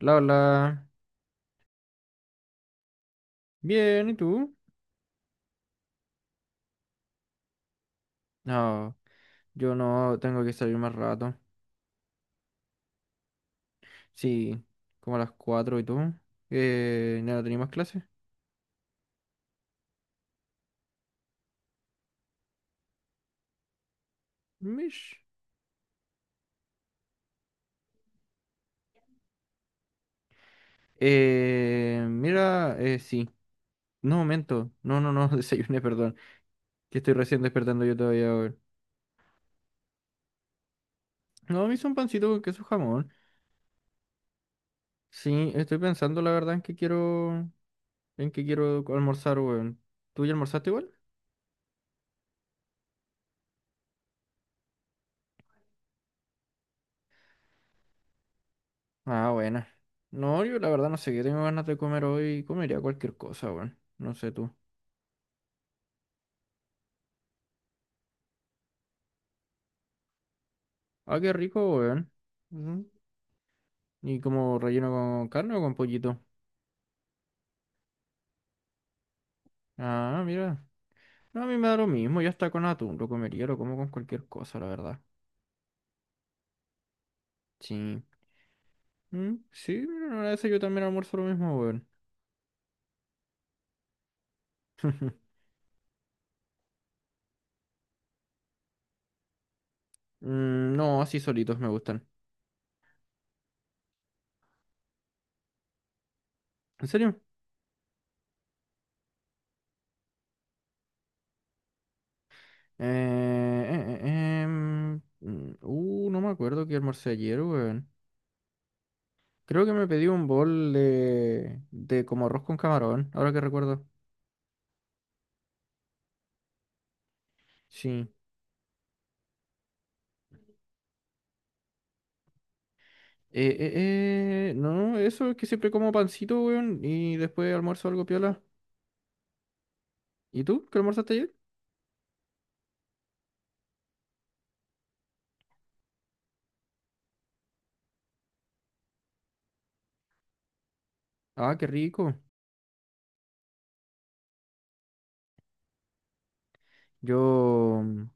La Hola. Bien, ¿y tú? No, yo no tengo que salir más rato. Sí, como a las 4 y tú. ¿No tenía más clases? Mish. Mira, sí. No, momento. No, no, no, desayuné, perdón. Que estoy recién despertando yo todavía, weón. No, me hice un pancito con queso jamón. Sí, estoy pensando la verdad en que quiero almorzar, weón. ¿Tú ya almorzaste igual? Ah, buena. No, yo la verdad no sé qué tengo ganas de comer hoy. Comería cualquier cosa, weón. No sé tú. Ah, qué rico, weón. Ujú. ¿Y como relleno con carne o con pollito? Ah, mira. No, a mí me da lo mismo. Ya está con atún. Lo comería, lo como con cualquier cosa, la verdad. Sí. Sí, mira, una vez yo también almuerzo lo mismo, weón. No, así solitos me gustan. ¿En serio? No me acuerdo qué almorcé ayer, weón. Creo que me pedí un bol de como arroz con camarón, ahora que recuerdo. Sí. No, eso es que siempre como pancito, weón, y después almuerzo algo piola. ¿Y tú? ¿Qué almorzaste ayer? Ah, qué rico. Yo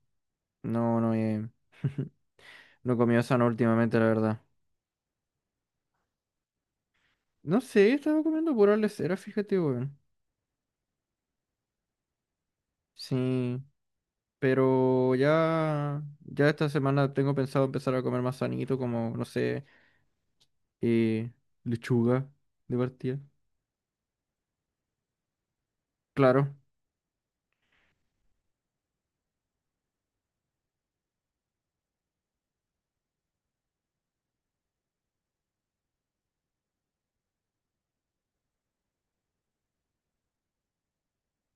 no, no he, no comí sano últimamente, la verdad. No sé, estaba comiendo pura lesera, fíjate, weón. Sí, pero ya esta semana tengo pensado empezar a comer más sanito, como, no sé, eh, lechuga de partida. Claro,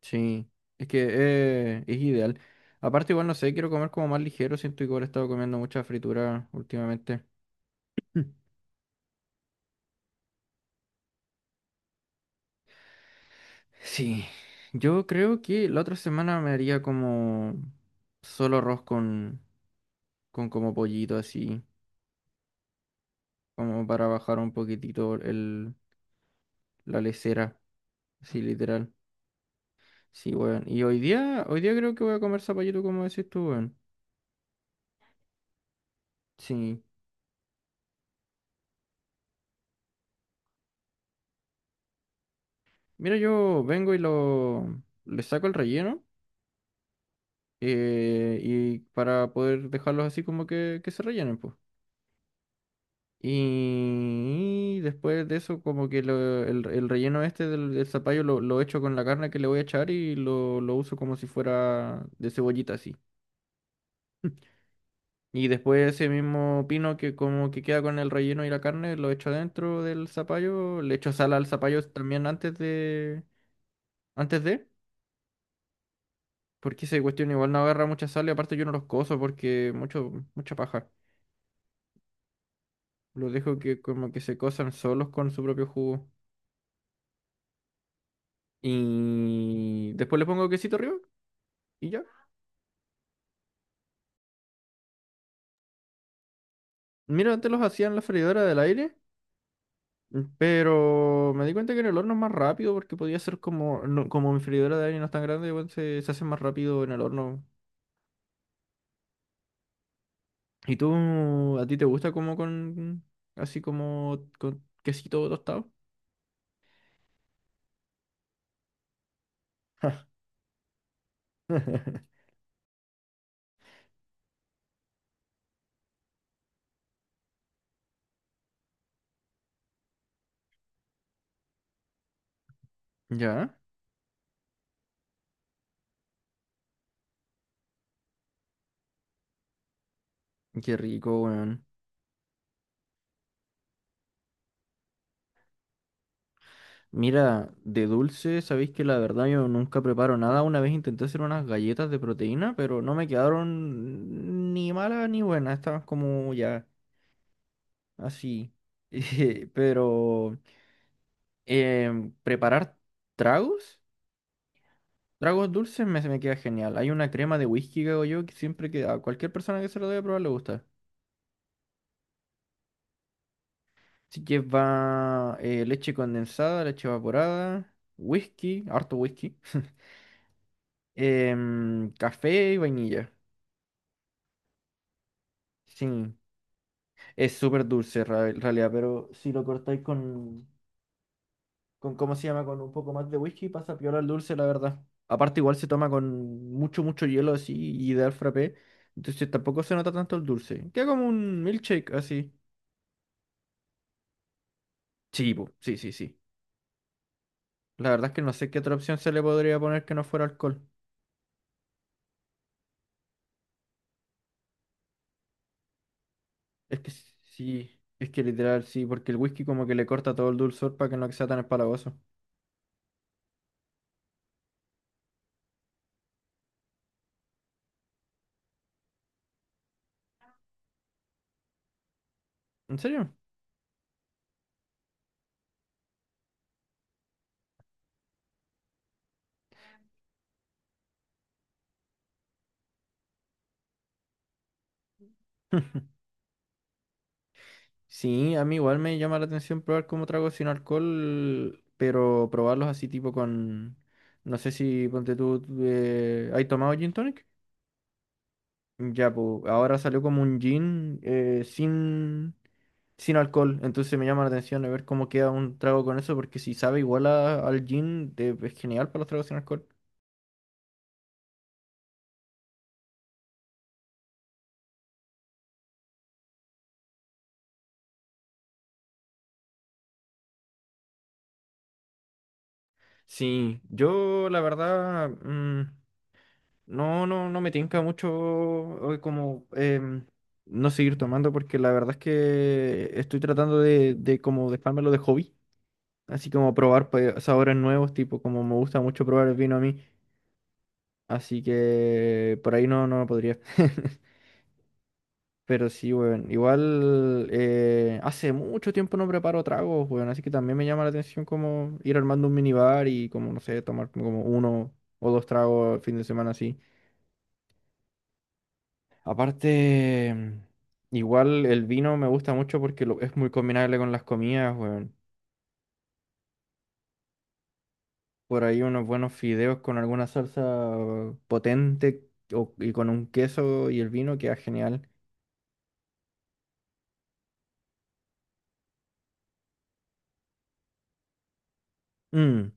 sí. Es que es ideal. Aparte, igual no sé, quiero comer como más ligero. Siento que igual he estado comiendo mucha fritura últimamente. Mm. Sí. Yo creo que la otra semana me haría como solo arroz con como pollito así, como para bajar un poquitito el, la lesera, sí literal. Sí, weón. Y hoy día creo que voy a comer zapallito como decís tú, weón. Sí. Mira, yo vengo y lo le saco el relleno. Y para poder dejarlos así como que se rellenen, pues. Y después de eso, como que el relleno este del zapallo lo echo con la carne que le voy a echar y lo uso como si fuera de cebollita así. Y después ese mismo pino que como que queda con el relleno y la carne, lo echo dentro del zapallo, le echo sal al zapallo también antes de, porque esa cuestión igual no agarra mucha sal y aparte yo no los coso porque mucha paja. Los dejo que como que se cosan solos con su propio jugo. Y después le pongo quesito arriba y ya. Mira, antes los hacía en la freidora del aire, pero me di cuenta que en el horno es más rápido porque podía ser como, como mi freidora de aire no es tan grande, igual se hace más rápido en el horno. ¿Y tú, a ti te gusta como así como con quesito tostado? Ya, qué rico, weón. Mira, de dulce, sabéis que la verdad yo nunca preparo nada. Una vez intenté hacer unas galletas de proteína, pero no me quedaron ni malas ni buenas. Estaban como ya así. Pero preparar tragos, tragos dulces se me queda genial. Hay una crema de whisky que hago yo que siempre que a cualquier persona que se lo debe probar le gusta. Así que va leche condensada, leche evaporada, whisky, harto whisky, café y vainilla. Sí. Es súper dulce en realidad, pero si lo cortáis con, ¿cómo se llama? Con un poco más de whisky, pasa piola el dulce, la verdad. Aparte, igual se toma con mucho, mucho hielo así y ideal frappé. Entonces tampoco se nota tanto el dulce. Queda como un milkshake así. Sí, po, sí, sí, sí. La verdad es que no sé qué otra opción se le podría poner que no fuera alcohol. Es que sí, es que literal sí, porque el whisky como que le corta todo el dulzor para que no sea tan empalagoso. ¿En serio? Sí, a mí igual me llama la atención probar como tragos sin alcohol, pero probarlos así tipo con. No sé si, ponte tú, ¿hay tomado gin tonic? Ya, pues ahora salió como un gin sin alcohol, entonces me llama la atención a ver cómo queda un trago con eso, porque si sabe igual al gin, es genial para los tragos sin alcohol. Sí, yo la verdad, no me tinca mucho como no seguir tomando porque la verdad es que estoy tratando de como dejármelo de hobby, así como probar pues, sabores nuevos, tipo como me gusta mucho probar el vino a mí, así que por ahí no podría. Pero sí, weón, igual hace mucho tiempo no preparo tragos, weón, así que también me llama la atención como ir armando un minibar y como, no sé, tomar como uno o dos tragos el fin de semana así. Aparte, igual el vino me gusta mucho porque es muy combinable con las comidas, weón. Por ahí unos buenos fideos con alguna salsa potente y con un queso y el vino queda genial. Mm,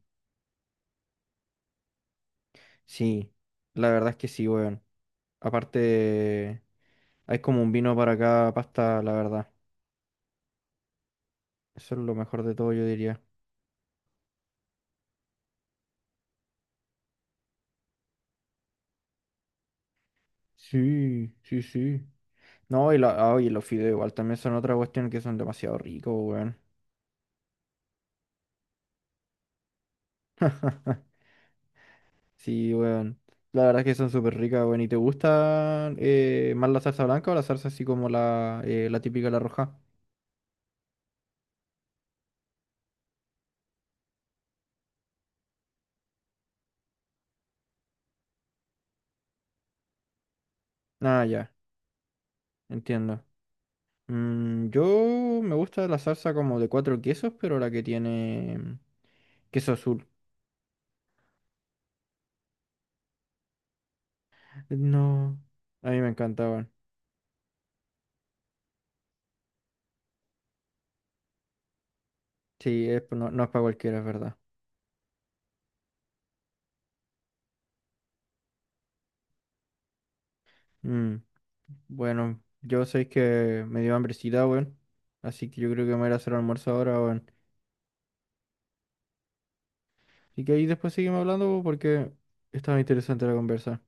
sí, la verdad es que sí, weón. Aparte, hay como un vino para cada pasta, la verdad. Eso es lo mejor de todo, yo diría. Sí, sí, sí. No, y los fideos igual también son otra cuestión que son demasiado ricos, weón. Sí, weón. La verdad es que son súper ricas, weón. ¿Y te gustan más la salsa blanca o la salsa así como la típica, la roja? Ah, ya, entiendo. Yo me gusta la salsa como de cuatro quesos, pero la que tiene queso azul. No, a mí me encanta, weón. Sí, no, no es para cualquiera, es verdad. Mm, bueno, yo sé que me dio hambrecita, weón. Así que yo creo que me voy a ir a hacer almuerzo ahora, weón. Y que ahí después seguimos hablando porque estaba interesante la conversa.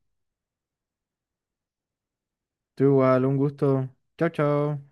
Tú igual, un gusto. Chao, chao.